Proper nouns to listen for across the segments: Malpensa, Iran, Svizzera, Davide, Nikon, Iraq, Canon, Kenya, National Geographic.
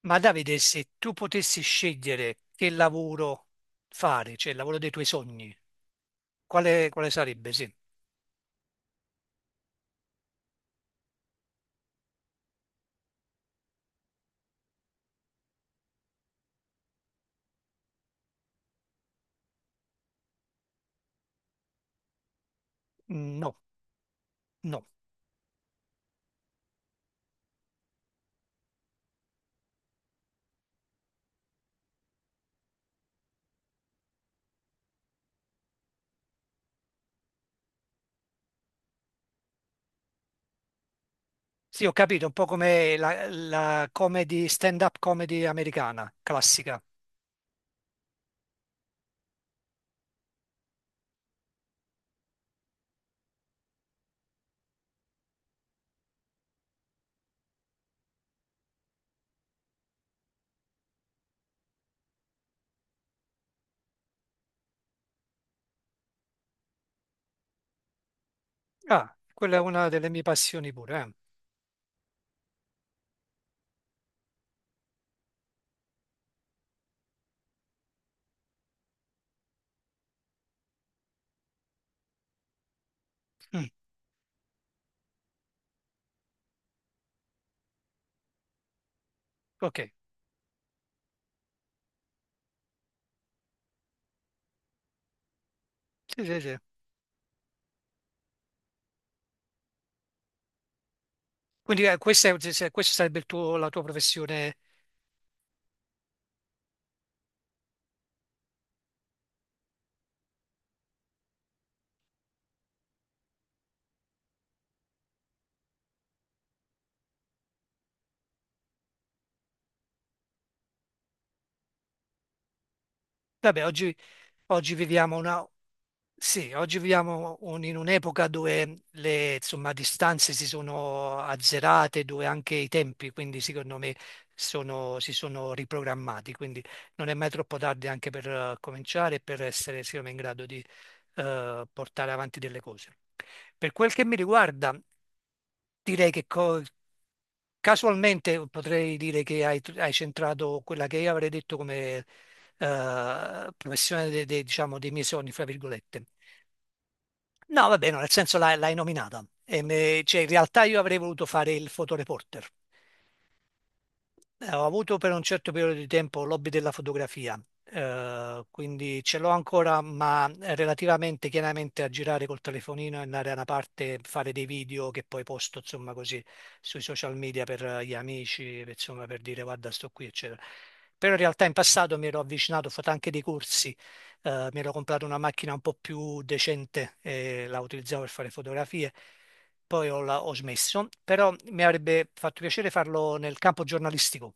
Ma Davide, se tu potessi scegliere che lavoro fare, cioè il lavoro dei tuoi sogni, quale sarebbe? Sì. Mm, no, no. Sì, ho capito, un po' come la comedy, stand-up comedy americana, classica. Ah, quella è una delle mie passioni pure. Eh. Mm, ok, sì, sì, sì. Quindi questa, è- se- questo sarebbe la tua professione? Vabbè, oggi viviamo una... Sì, oggi viviamo in un'epoca dove le, insomma, distanze si sono azzerate, dove anche i tempi, quindi secondo me, si sono riprogrammati. Quindi non è mai troppo tardi anche per cominciare e per essere, secondo me, in grado di portare avanti delle cose. Per quel che mi riguarda, direi che casualmente potrei dire che hai centrato quella che io avrei detto come professione diciamo, dei miei sogni, fra virgolette. No, va bene, nel senso l'hai nominata. Cioè, in realtà io avrei voluto fare il fotoreporter. Ho avuto per un certo periodo di tempo l'hobby della fotografia, quindi ce l'ho ancora, ma relativamente chiaramente a girare col telefonino e andare da una parte, fare dei video che poi posto, insomma, così sui social media per gli amici, insomma, per dire guarda, sto qui, eccetera. Però in realtà in passato mi ero avvicinato, ho fatto anche dei corsi, mi ero comprato una macchina un po' più decente e la utilizzavo per fare fotografie, poi ho smesso, però mi avrebbe fatto piacere farlo nel campo giornalistico.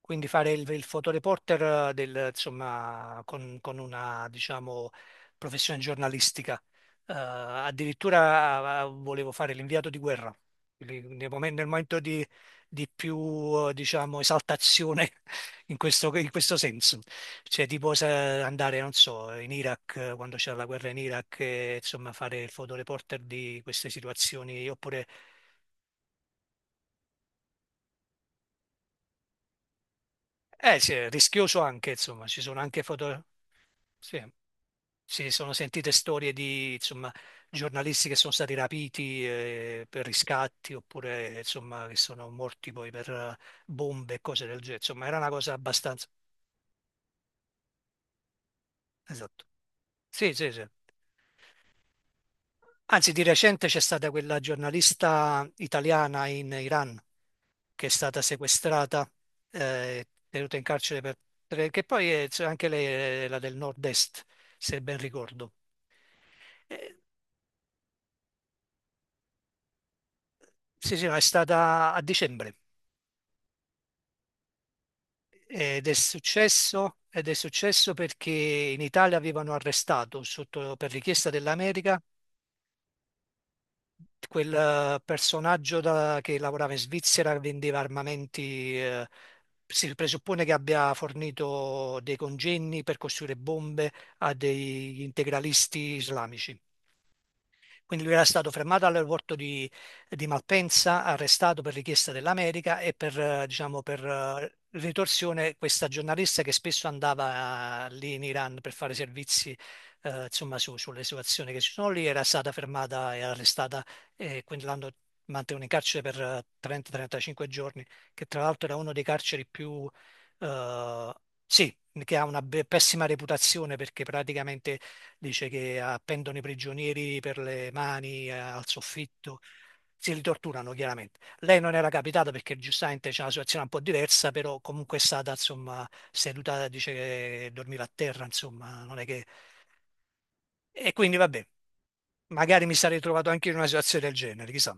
Quindi fare il fotoreporter del, insomma, con una, diciamo, professione giornalistica. Addirittura volevo fare l'inviato di guerra. Quindi nel momento di più, diciamo, esaltazione in questo senso. Cioè, tipo se andare, non so, in Iraq, quando c'era la guerra in Iraq, e, insomma, fare il fotoreporter di queste situazioni, oppure... Sì, è rischioso anche, insomma, ci sono anche foto... Sì. Si sono sentite storie di, insomma, giornalisti che sono stati rapiti per riscatti oppure, insomma, che sono morti poi per bombe e cose del genere. Insomma, era una cosa abbastanza... Esatto. Sì, sì, sì. Anzi, di recente c'è stata quella giornalista italiana in Iran che è stata sequestrata, tenuta in carcere per... che poi è, cioè, anche lei era del nord-est, se ben ricordo. Eh, sì, sì, no, è stata a dicembre. Ed è successo perché in Italia avevano arrestato sotto, per richiesta dell'America quel personaggio che lavorava in Svizzera, vendeva armamenti, si presuppone che abbia fornito dei congegni per costruire bombe a degli integralisti islamici. Quindi lui era stato fermato all'aeroporto di Malpensa, arrestato per richiesta dell'America e per, diciamo, per ritorsione questa giornalista che spesso andava lì in Iran per fare servizi, insomma, sulle situazioni che ci sono lì, era stata fermata e arrestata, e quindi l'hanno mantenuta in carcere per 30-35 giorni, che tra l'altro era uno dei carceri più... eh, sì, che ha una pessima reputazione perché praticamente dice che appendono i prigionieri per le mani al soffitto, si li torturano chiaramente. Lei non era capitata perché giustamente c'è una situazione un po' diversa, però comunque è stata insomma seduta, dice che dormiva a terra, insomma, non è che... E quindi vabbè, magari mi sarei trovato anche in una situazione del genere, chissà.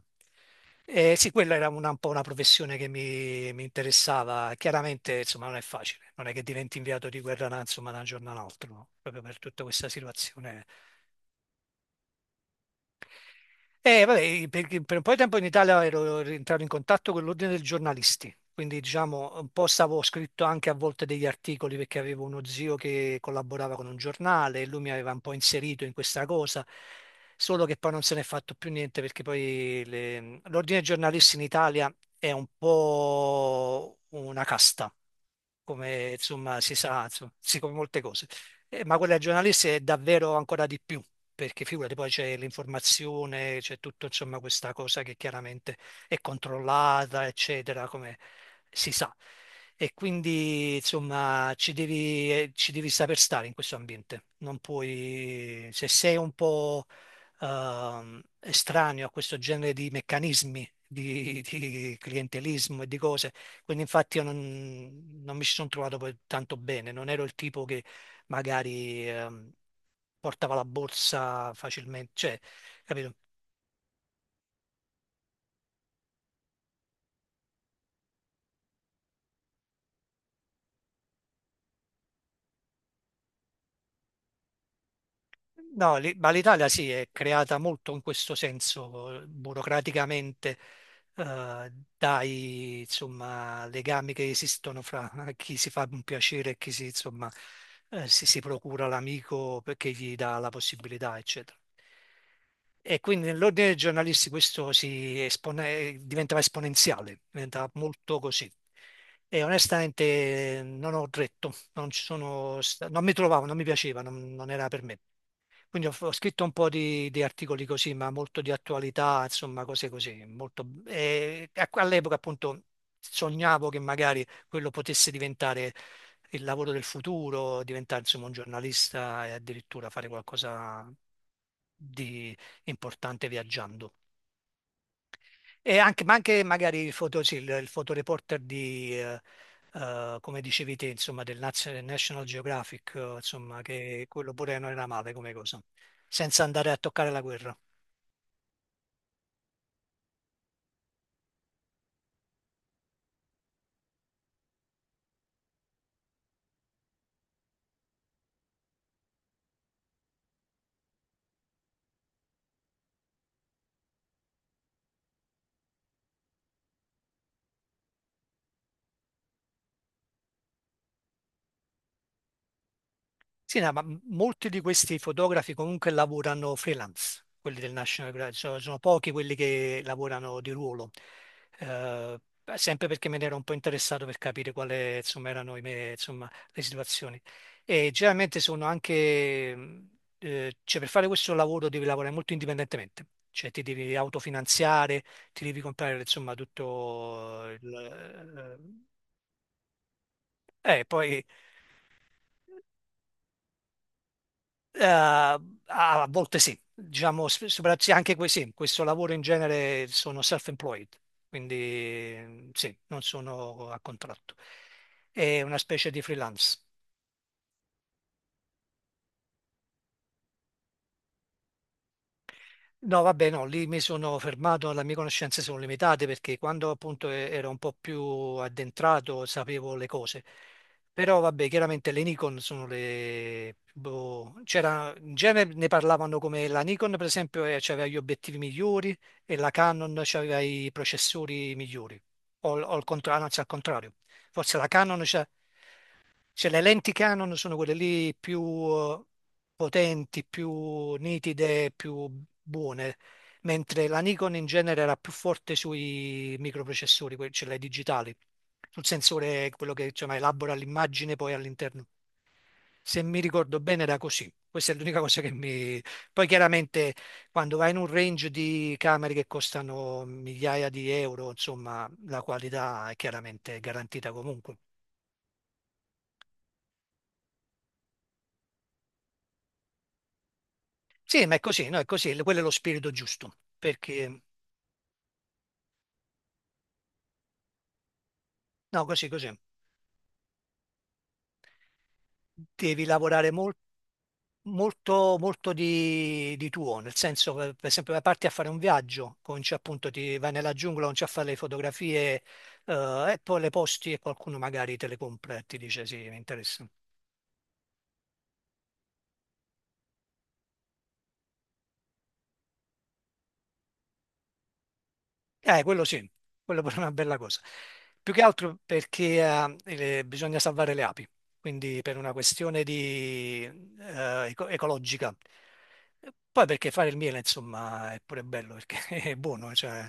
Sì, quella era un po' una professione che mi interessava. Chiaramente, insomma, non è facile. Non è che diventi inviato di guerra da, insomma, da un giorno all'altro, no? Proprio per tutta questa situazione. Vabbè, perché per un po' di tempo in Italia ero rientrato in contatto con l'ordine dei giornalisti, quindi diciamo un po' stavo scritto anche a volte degli articoli perché avevo uno zio che collaborava con un giornale e lui mi aveva un po' inserito in questa cosa, solo che poi non se n'è fatto più niente perché poi l'ordine dei giornalisti in Italia è un po' una casta, come insomma si sa, insomma, sì, come molte cose. Ma quella dei giornalisti è davvero ancora di più, perché figurati, poi c'è l'informazione, c'è tutto insomma questa cosa che chiaramente è controllata, eccetera, come si sa. E quindi insomma ci devi saper stare in questo ambiente. Non puoi, se sei un po' estraneo a questo genere di meccanismi di, clientelismo e di cose, quindi infatti io non mi ci sono trovato poi tanto bene, non ero il tipo che magari portava la borsa facilmente, cioè, capito? No, ma l'Italia sì, è creata molto in questo senso, burocraticamente, dai, insomma, legami che esistono fra chi si fa un piacere e chi si, insomma, si procura l'amico perché gli dà la possibilità, eccetera. E quindi nell'ordine dei giornalisti questo diventava esponenziale, diventava molto così. E onestamente non ho retto, non ci sono sta- non mi trovavo, non mi piaceva, non era per me. Quindi ho scritto un po' di, articoli così, ma molto di attualità, insomma, cose così. All'epoca appunto sognavo che magari quello potesse diventare il lavoro del futuro, diventare insomma un giornalista e addirittura fare qualcosa di importante viaggiando. E anche, ma anche magari il fotoreporter di, come dicevi te, insomma, del National Geographic, insomma, che quello pure non era male come cosa, senza andare a toccare la guerra. Sì, no, ma molti di questi fotografi comunque lavorano freelance, quelli del National Geographic, sono pochi quelli che lavorano di ruolo. Eh, Sempre perché me ne ero un po' interessato per capire quali insomma, erano i insomma, le situazioni. E generalmente sono anche, cioè per fare questo lavoro devi lavorare molto indipendentemente, cioè ti devi autofinanziare, ti devi comprare insomma tutto il... poi Eh, A volte sì, diciamo, soprattutto anche sì, questo lavoro in genere sono self-employed, quindi sì, non sono a contratto. È una specie di freelance. No, vabbè, no, lì mi sono fermato, le mie conoscenze sono limitate perché quando appunto ero un po' più addentrato sapevo le cose. Però vabbè, chiaramente le Nikon sono le... boh, c'era, in genere ne parlavano come la Nikon per esempio c'aveva gli obiettivi migliori e la Canon c'aveva i processori migliori. O anzi, al contrario, forse la Canon cioè, le lenti Canon sono quelle lì più potenti, più nitide, più buone, mentre la Nikon in genere era più forte sui microprocessori, cioè le digitali, sul sensore, quello che insomma elabora l'immagine poi all'interno. Se mi ricordo bene era così. Questa è l'unica cosa che mi... Poi chiaramente quando vai in un range di camere che costano migliaia di euro, insomma, la qualità è chiaramente garantita comunque. Sì, ma è così, no, è così, quello è lo spirito giusto, perché no, così, così, devi lavorare molto, molto di, tuo, nel senso, per esempio, parti a fare un viaggio, cominci appunto, ti vai nella giungla, cominci a fare le fotografie, e poi le posti e qualcuno magari te le compra e ti dice sì, mi interessa. Quello sì, quello pure è una bella cosa. Più che altro perché bisogna salvare le api, quindi per una questione di, ecologica. Poi perché fare il miele, insomma, è pure bello perché è buono, cioè,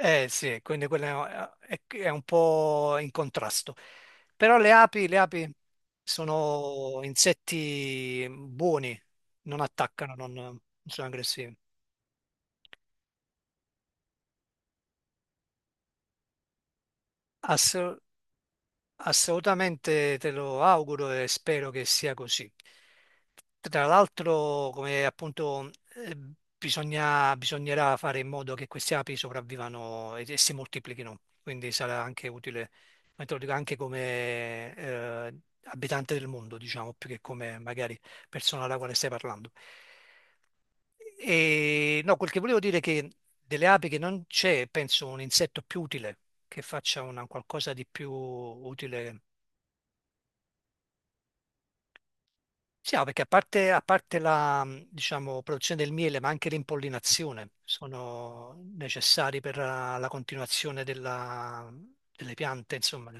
eh sì, quindi quello è, è un po' in contrasto. Però le api sono insetti buoni, non attaccano, non sono aggressivi. Assolutamente te lo auguro e spero che sia così. Tra l'altro, come appunto, eh, bisognerà fare in modo che queste api sopravvivano e si moltiplichino, quindi sarà anche utile, ma te lo dico anche come abitante del mondo, diciamo, più che come magari persona alla quale stai parlando. E no, quel che volevo dire è che delle api che non c'è, penso, un insetto più utile che faccia una, qualcosa di più utile. Sì, no, perché a parte la, diciamo, produzione del miele, ma anche l'impollinazione sono necessari per la continuazione delle piante, insomma.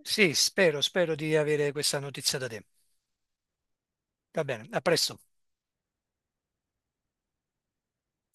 Sì, spero di avere questa notizia da te. Va bene, a presto.